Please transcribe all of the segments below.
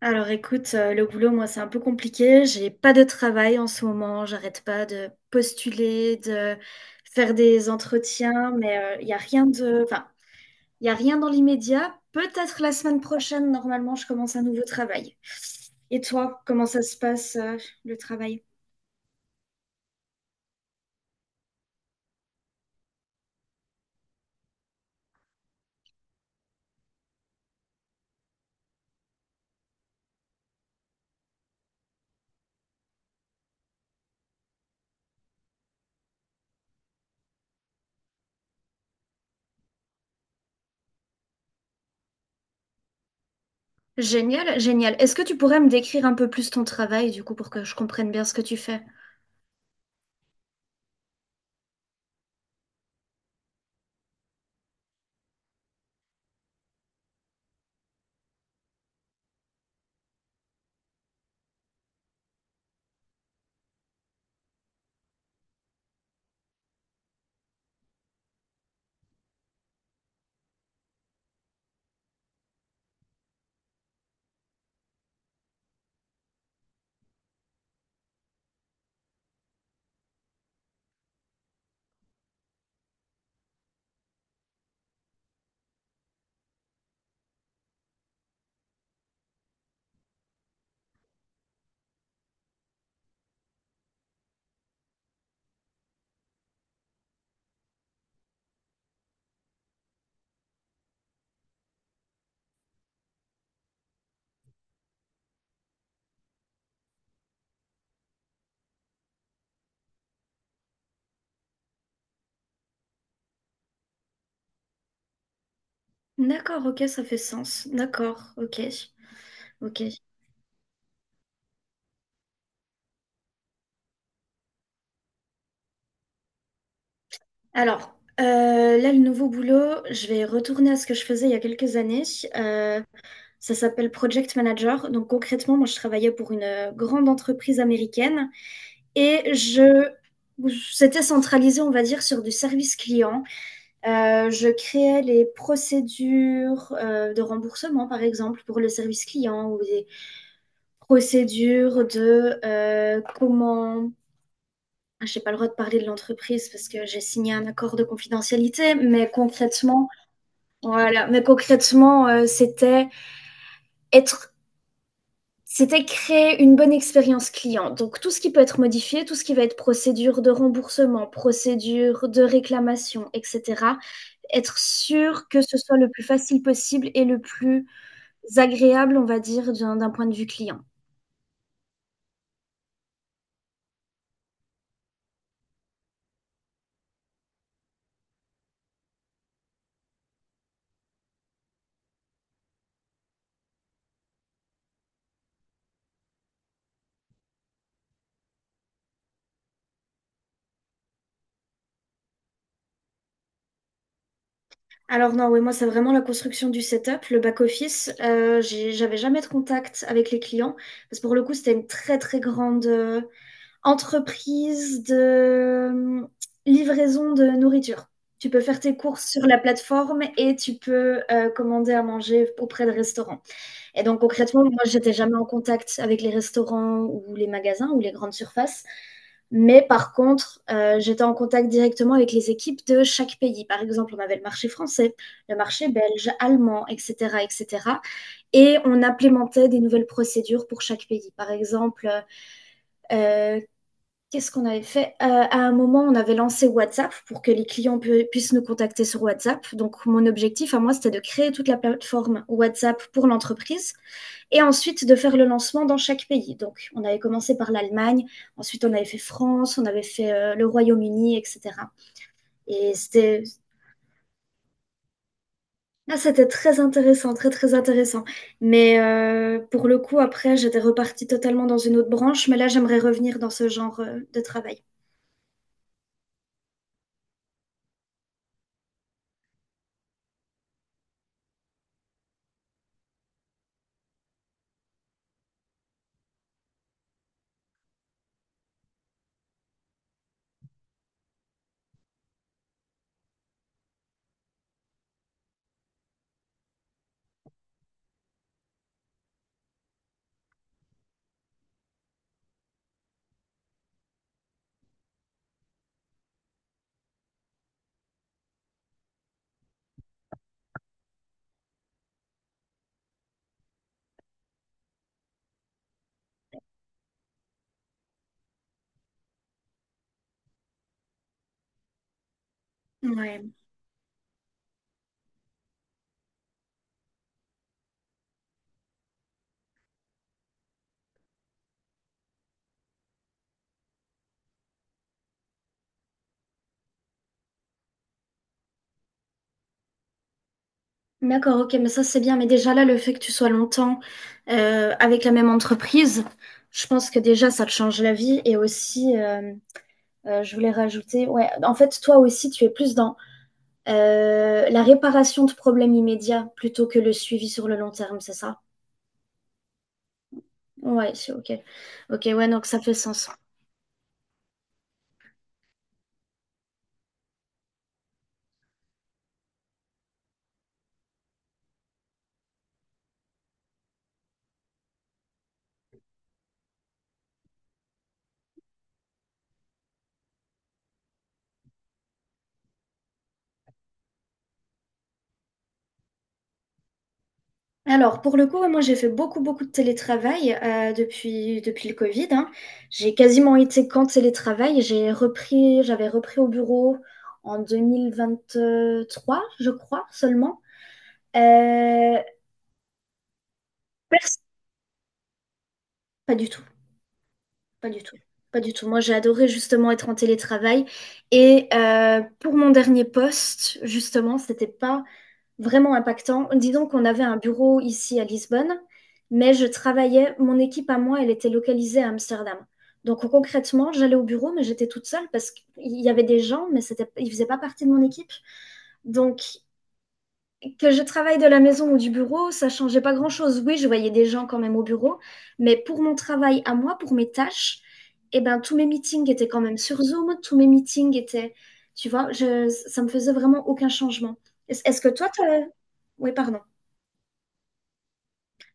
Alors écoute, le boulot, moi, c'est un peu compliqué. J'ai pas de travail en ce moment. J'arrête pas de postuler, de faire des entretiens, mais il y a rien de, enfin, il y a rien dans l'immédiat. Peut-être la semaine prochaine, normalement, je commence un nouveau travail. Et toi, comment ça se passe, le travail? Génial, génial. Est-ce que tu pourrais me décrire un peu plus ton travail, du coup, pour que je comprenne bien ce que tu fais? D'accord, ok, ça fait sens. D'accord, ok, ok. Alors, là, le nouveau boulot, je vais retourner à ce que je faisais il y a quelques années. Euh, ça s'appelle Project Manager. Donc, concrètement, moi, je travaillais pour une grande entreprise américaine et je, c'était centralisé, on va dire, sur du service client. Je créais les procédures de remboursement, par exemple, pour le service client ou des procédures de Je n'ai pas le droit de parler de l'entreprise parce que j'ai signé un accord de confidentialité, mais concrètement, voilà, mais concrètement, être c'était créer une bonne expérience client. Donc tout ce qui peut être modifié, tout ce qui va être procédure de remboursement, procédure de réclamation et cetera. Être sûr que ce soit le plus facile possible et le plus agréable, on va dire, d'un d'un point de vue client. Alors non, oui, moi, c'est vraiment la construction du setup, le back office. J'avais jamais de contact avec les clients parce que pour le coup, c'était une très, très grande, entreprise de euh, livraison de nourriture. Tu peux faire tes courses sur la plateforme et tu peux commander à manger auprès de restaurants. Et donc concrètement, moi, j'étais jamais en contact avec les restaurants ou les magasins ou les grandes surfaces. Mais par contre, j'étais en contact directement avec les équipes de chaque pays. Par exemple, on avait le marché français, le marché belge, allemand, etc., etc. Et cetera. Et on implémentait des nouvelles procédures pour chaque pays. Par exemple, euh, qu'est-ce qu'on avait fait? À un moment, on avait lancé WhatsApp pour que les clients puissent nous contacter sur WhatsApp. Donc, mon objectif à moi, c'était de créer toute la plateforme WhatsApp pour l'entreprise et ensuite de faire le lancement dans chaque pays. Donc, on avait commencé par l'Allemagne, ensuite on avait fait France, on avait fait le Royaume-Uni, etc. Et c'était ah, c'était très intéressant, très très intéressant. Mais pour le coup, après, j'étais repartie totalement dans une autre branche. Mais là, j'aimerais revenir dans ce genre de travail. Ouais. D'accord, ok, mais ça c'est bien. Mais déjà là, le fait que tu sois longtemps avec la même entreprise, je pense que déjà ça te change la vie. Et aussi, je voulais rajouter, ouais, en fait, toi aussi, tu es plus dans la réparation de problèmes immédiats plutôt que le suivi sur le long terme, c'est ça? Ouais, c'est ok. Ok, ouais, donc ça fait sens. Alors, pour le coup, ouais, moi, j'ai fait beaucoup, beaucoup de télétravail depuis le Covid, hein. J'ai quasiment été qu'en télétravail. J'avais repris au bureau en 2023 je crois, seulement. Euh, pers- pas du tout, pas du tout, pas du tout. Moi, j'ai adoré justement être en télétravail. Et pour mon dernier poste, justement, c'était pas vraiment impactant. Disons qu'on avait un bureau ici à Lisbonne, mais je travaillais, mon équipe à moi, elle était localisée à Amsterdam. Donc concrètement, j'allais au bureau, mais j'étais toute seule parce qu'il y avait des gens, mais c'était, ils ne faisaient pas partie de mon équipe. Donc que je travaille de la maison ou du bureau, ça changeait pas grand-chose. Oui, je voyais des gens quand même au bureau, mais pour mon travail à moi, pour mes tâches, eh ben, tous mes meetings étaient quand même sur Zoom, tous mes meetings étaient, ça me faisait vraiment aucun changement. Est-ce que toi, t'as... Oui, pardon.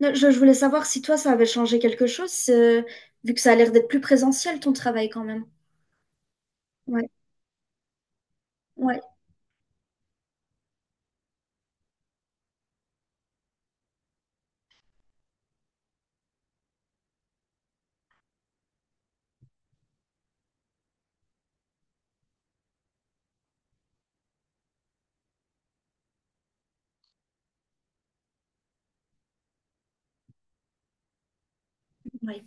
Non, je voulais savoir si toi, ça avait changé quelque chose, vu que ça a l'air d'être plus présentiel, ton travail quand même. Ouais, ouais, ouais,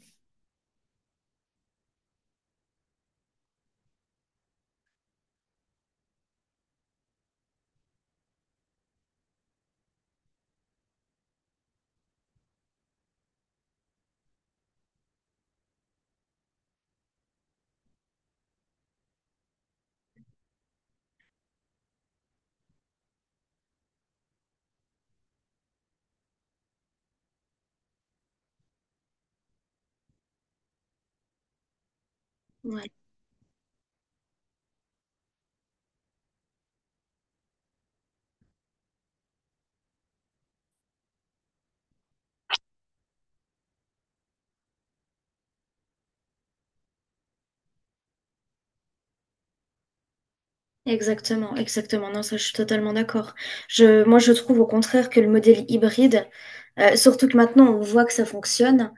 ouais. Exactement, exactement. Non, ça, je suis totalement d'accord. Moi, je trouve au contraire que le modèle hybride, surtout que maintenant on voit que ça fonctionne,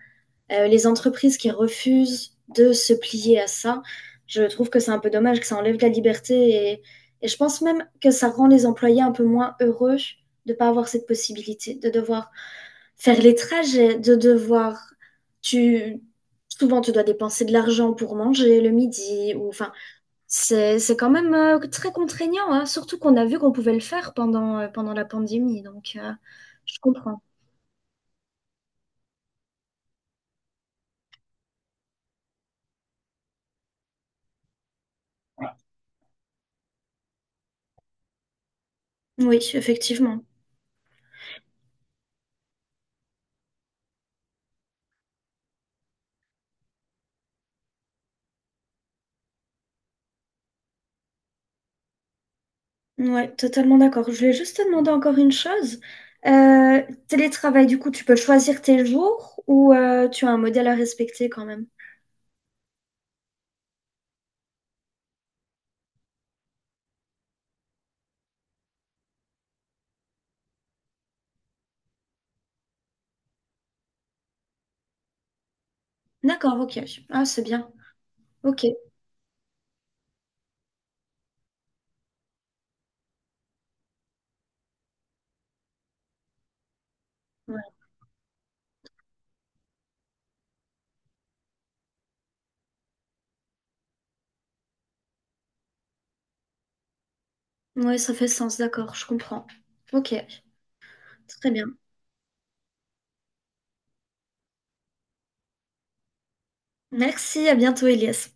les entreprises qui refusent de se plier à ça, je trouve que c'est un peu dommage, que ça enlève de la liberté et, et je pense même que ça rend les employés un peu moins heureux de pas avoir cette possibilité, de devoir faire les trajets, tu, souvent tu dois dépenser de l'argent pour manger le midi ou enfin c'est quand même très contraignant, hein, surtout qu'on a vu qu'on pouvait le faire pendant, pendant la pandémie, je comprends. Oui, effectivement. Ouais, totalement d'accord. Je voulais juste te demander encore une chose. Euh, télétravail, du coup, tu peux choisir tes jours ou tu as un modèle à respecter quand même? D'accord, ok. Ah, c'est bien. Ok. Ouais. Ouais, ça fait sens, d'accord, je comprends. Ok, très bien. Merci, à bientôt, Elias.